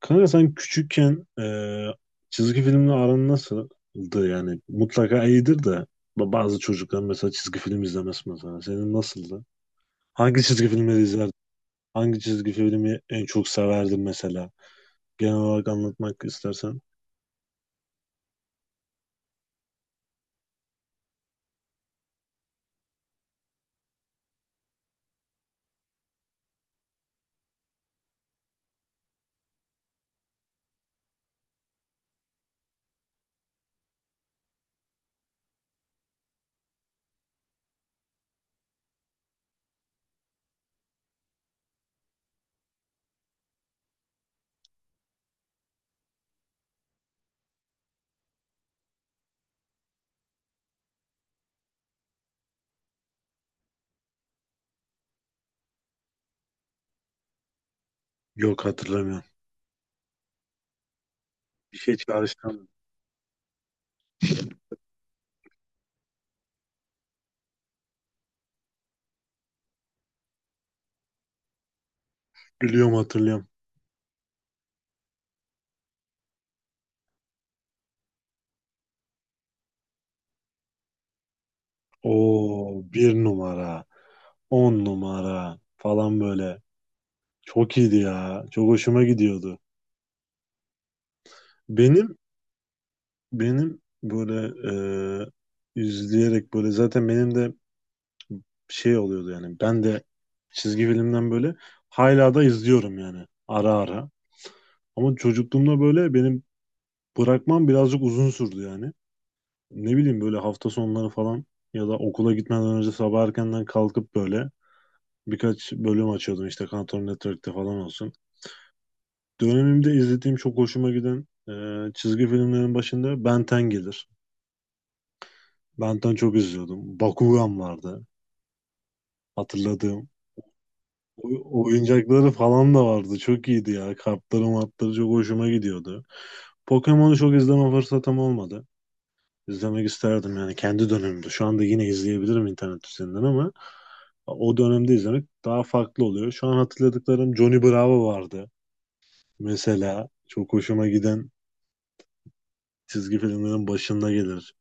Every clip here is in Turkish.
Kanka sen küçükken çizgi filmle aran nasıldı yani? Mutlaka iyidir de bazı çocuklar mesela çizgi film izlemez mesela. Senin nasıldı? Hangi çizgi filmleri izlerdin? Hangi çizgi filmi en çok severdin mesela? Genel olarak anlatmak istersen. Yok, hatırlamıyorum. Bir şey çağrıştırmadım. Biliyorum, hatırlıyorum. Oo, bir numara, on numara falan böyle. Çok iyiydi ya. Çok hoşuma gidiyordu. Benim Benim böyle izleyerek böyle zaten benim de şey oluyordu yani ben de çizgi filmden böyle hala da izliyorum yani ara ara. Ama çocukluğumda böyle benim bırakmam birazcık uzun sürdü yani. Ne bileyim böyle hafta sonları falan ya da okula gitmeden önce sabah erkenden kalkıp böyle birkaç bölüm açıyordum işte Cartoon Network'te falan olsun. Dönemimde izlediğim çok hoşuma giden çizgi filmlerin başında Ben 10 gelir. Ben 10 çok izliyordum. Bakugan vardı. Hatırladığım oyuncakları falan da vardı. Çok iyiydi ya. Kartları martları çok hoşuma gidiyordu. Pokemon'u çok izleme fırsatım olmadı. İzlemek isterdim yani kendi dönemimde. Şu anda yine izleyebilirim internet üzerinden ama o dönemde izlemek daha farklı oluyor. Şu an hatırladıklarım Johnny Bravo vardı. Mesela çok hoşuma giden çizgi filmlerin başında gelir.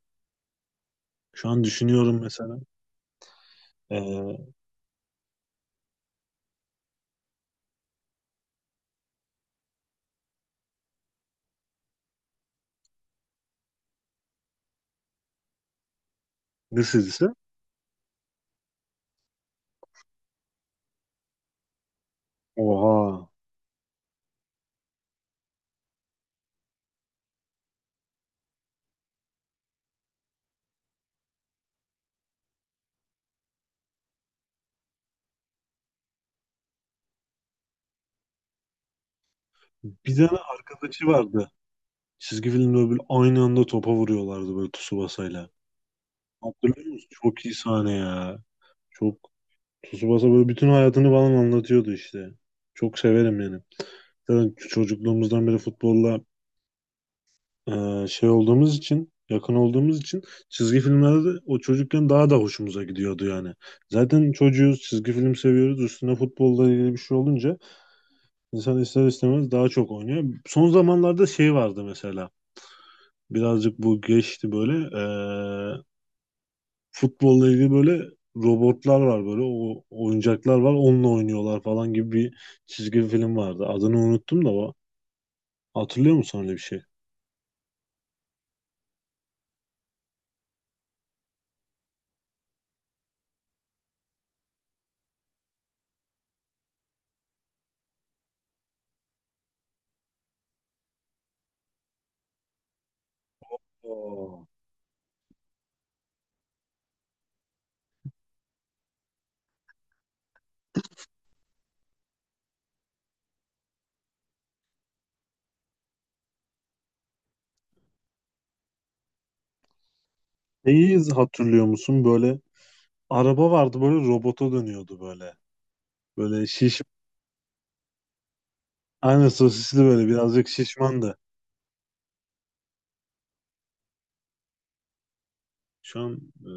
Şu an düşünüyorum mesela. Ee, ne dizisi? Oha. Bir tane arkadaşı vardı. Çizgi filmde böyle aynı anda topa vuruyorlardı böyle Tsubasa'yla. Hatırlıyor musun? Çok iyi sahne ya. Çok Tsubasa böyle bütün hayatını falan anlatıyordu işte. Çok severim yani. Zaten çocukluğumuzdan beri futbolla şey olduğumuz için, yakın olduğumuz için çizgi filmlerde de o çocukken daha da hoşumuza gidiyordu yani. Zaten çocuğuz, çizgi film seviyoruz. Üstüne futbolla ilgili bir şey olunca insan ister istemez daha çok oynuyor. Son zamanlarda şey vardı mesela. Birazcık bu geçti böyle. e, Futbolla ilgili böyle robotlar var böyle o oyuncaklar var onunla oynuyorlar falan gibi bir çizgi film vardı. Adını unuttum da o. Hatırlıyor musun öyle bir şey? Oo. Neyi hatırlıyor musun? Böyle araba vardı böyle robota dönüyordu böyle. Böyle şiş aynı sosisli böyle birazcık şişmandı. Şu an e,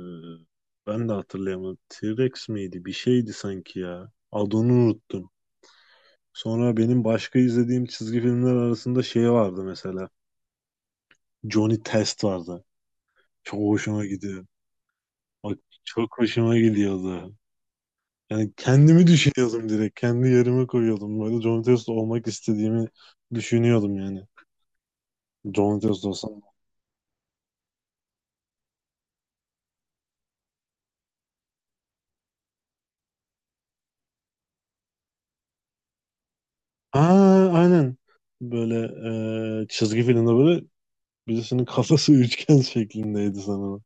ben de hatırlayamadım. T-Rex miydi? Bir şeydi sanki ya. Adını unuttum. Sonra benim başka izlediğim çizgi filmler arasında şey vardı mesela. Johnny Test vardı. Çok hoşuma gidiyor. Bak, çok hoşuma gidiyordu. Yani kendimi düşünüyordum direkt. Kendi yerime koyuyordum. Böyle John Testo olmak istediğimi düşünüyordum yani. John Testo olsam. Aa, aynen. Böyle çizgi filmde böyle birisinin kafası üçgen şeklindeydi sanırım.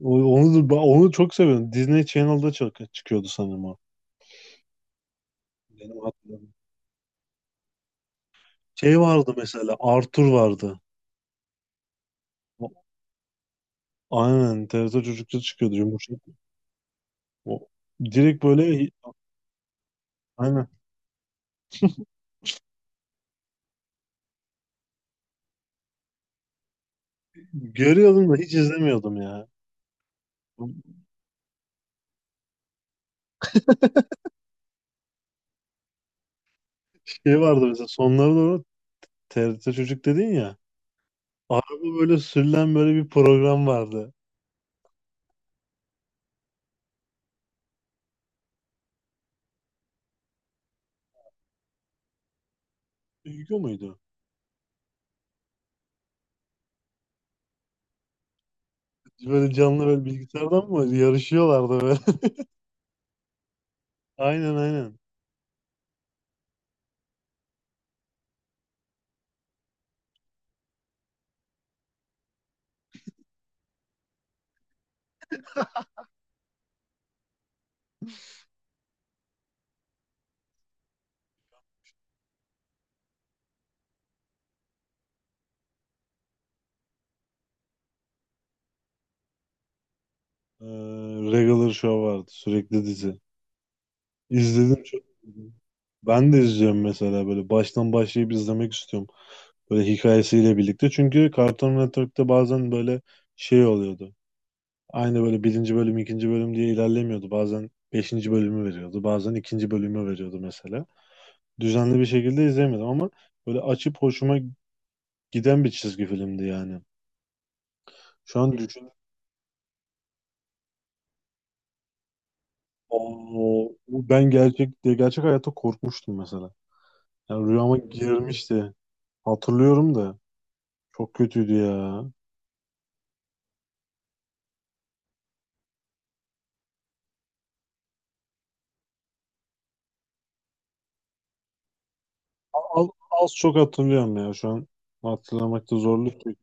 Onu çok seviyorum. Disney Channel'da çok çıkıyordu sanırım o. Benim hatırladığım. Şey vardı mesela Arthur vardı. O- Aynen TRT çocukça çıkıyordu yumuşak. O, direkt böyle. Aynen. Görüyordum da hiç izlemiyordum ya. Şey vardı mesela sonlara doğru TRT Çocuk dedin ya. Araba böyle sürülen böyle bir program vardı. Duygu muydu? Böyle canlı böyle bilgisayardan mı yarışıyorlardı böyle? Aynen, aynen. Ee, Regular Show vardı sürekli dizi. İzledim çok. Ben de izliyorum mesela böyle baştan başlayıp izlemek istiyorum. Böyle hikayesiyle birlikte. Çünkü Cartoon Network'te bazen böyle şey oluyordu. Aynı böyle birinci bölüm, ikinci bölüm diye ilerlemiyordu. Bazen beşinci bölümü veriyordu. Bazen ikinci bölümü veriyordu mesela. Düzenli bir şekilde izlemedim ama böyle açıp hoşuma giden bir çizgi filmdi yani. Şu an düşün, o, ben gerçek hayatta korkmuştum mesela. Yani rüyama girmişti. Hatırlıyorum da çok kötüydü ya. Az, az çok hatırlıyorum ya şu an hatırlamakta zorluk çekiyorum.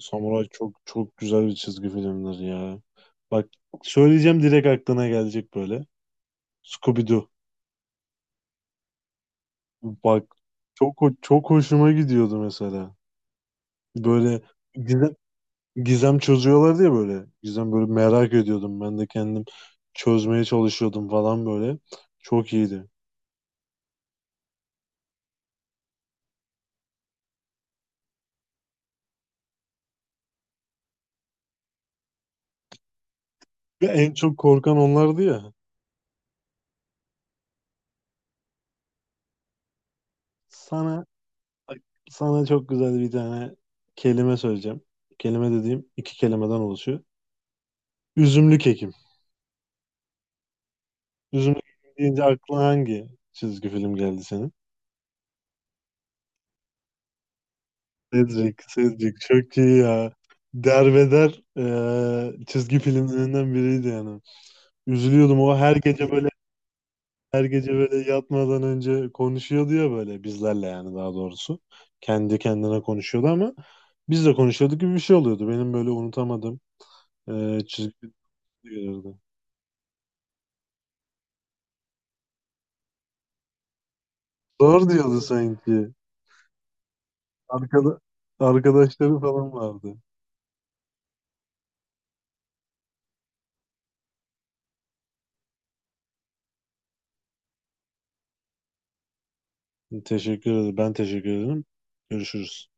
Samuray çok çok güzel bir çizgi filmdir ya. Bak, söyleyeceğim direkt aklına gelecek böyle. Scooby-Doo. Bak, çok hoşuma gidiyordu mesela. Böyle gizem, gizem çözüyorlardı ya böyle. Gizem böyle merak ediyordum. Ben de kendim çözmeye çalışıyordum falan böyle. Çok iyiydi. Ve en çok korkan onlardı ya. Sana sana çok güzel bir tane kelime söyleyeceğim. Kelime dediğim iki kelimeden oluşuyor. Üzümlük Ekim. Üzümlük Ekim deyince aklına hangi çizgi film geldi senin? Cedric, Cedric çok iyi ya. Derbeder çizgi filmlerinden biriydi yani. Üzülüyordum o her gece böyle, her gece böyle yatmadan önce konuşuyordu ya böyle bizlerle, yani daha doğrusu. Kendi kendine konuşuyordu ama biz de konuşuyorduk gibi bir şey oluyordu. Benim böyle unutamadığım çizgi film. Zor diyordu sanki. Arkada, arkadaşları falan vardı. Teşekkür ederim. Ben teşekkür ederim. Görüşürüz.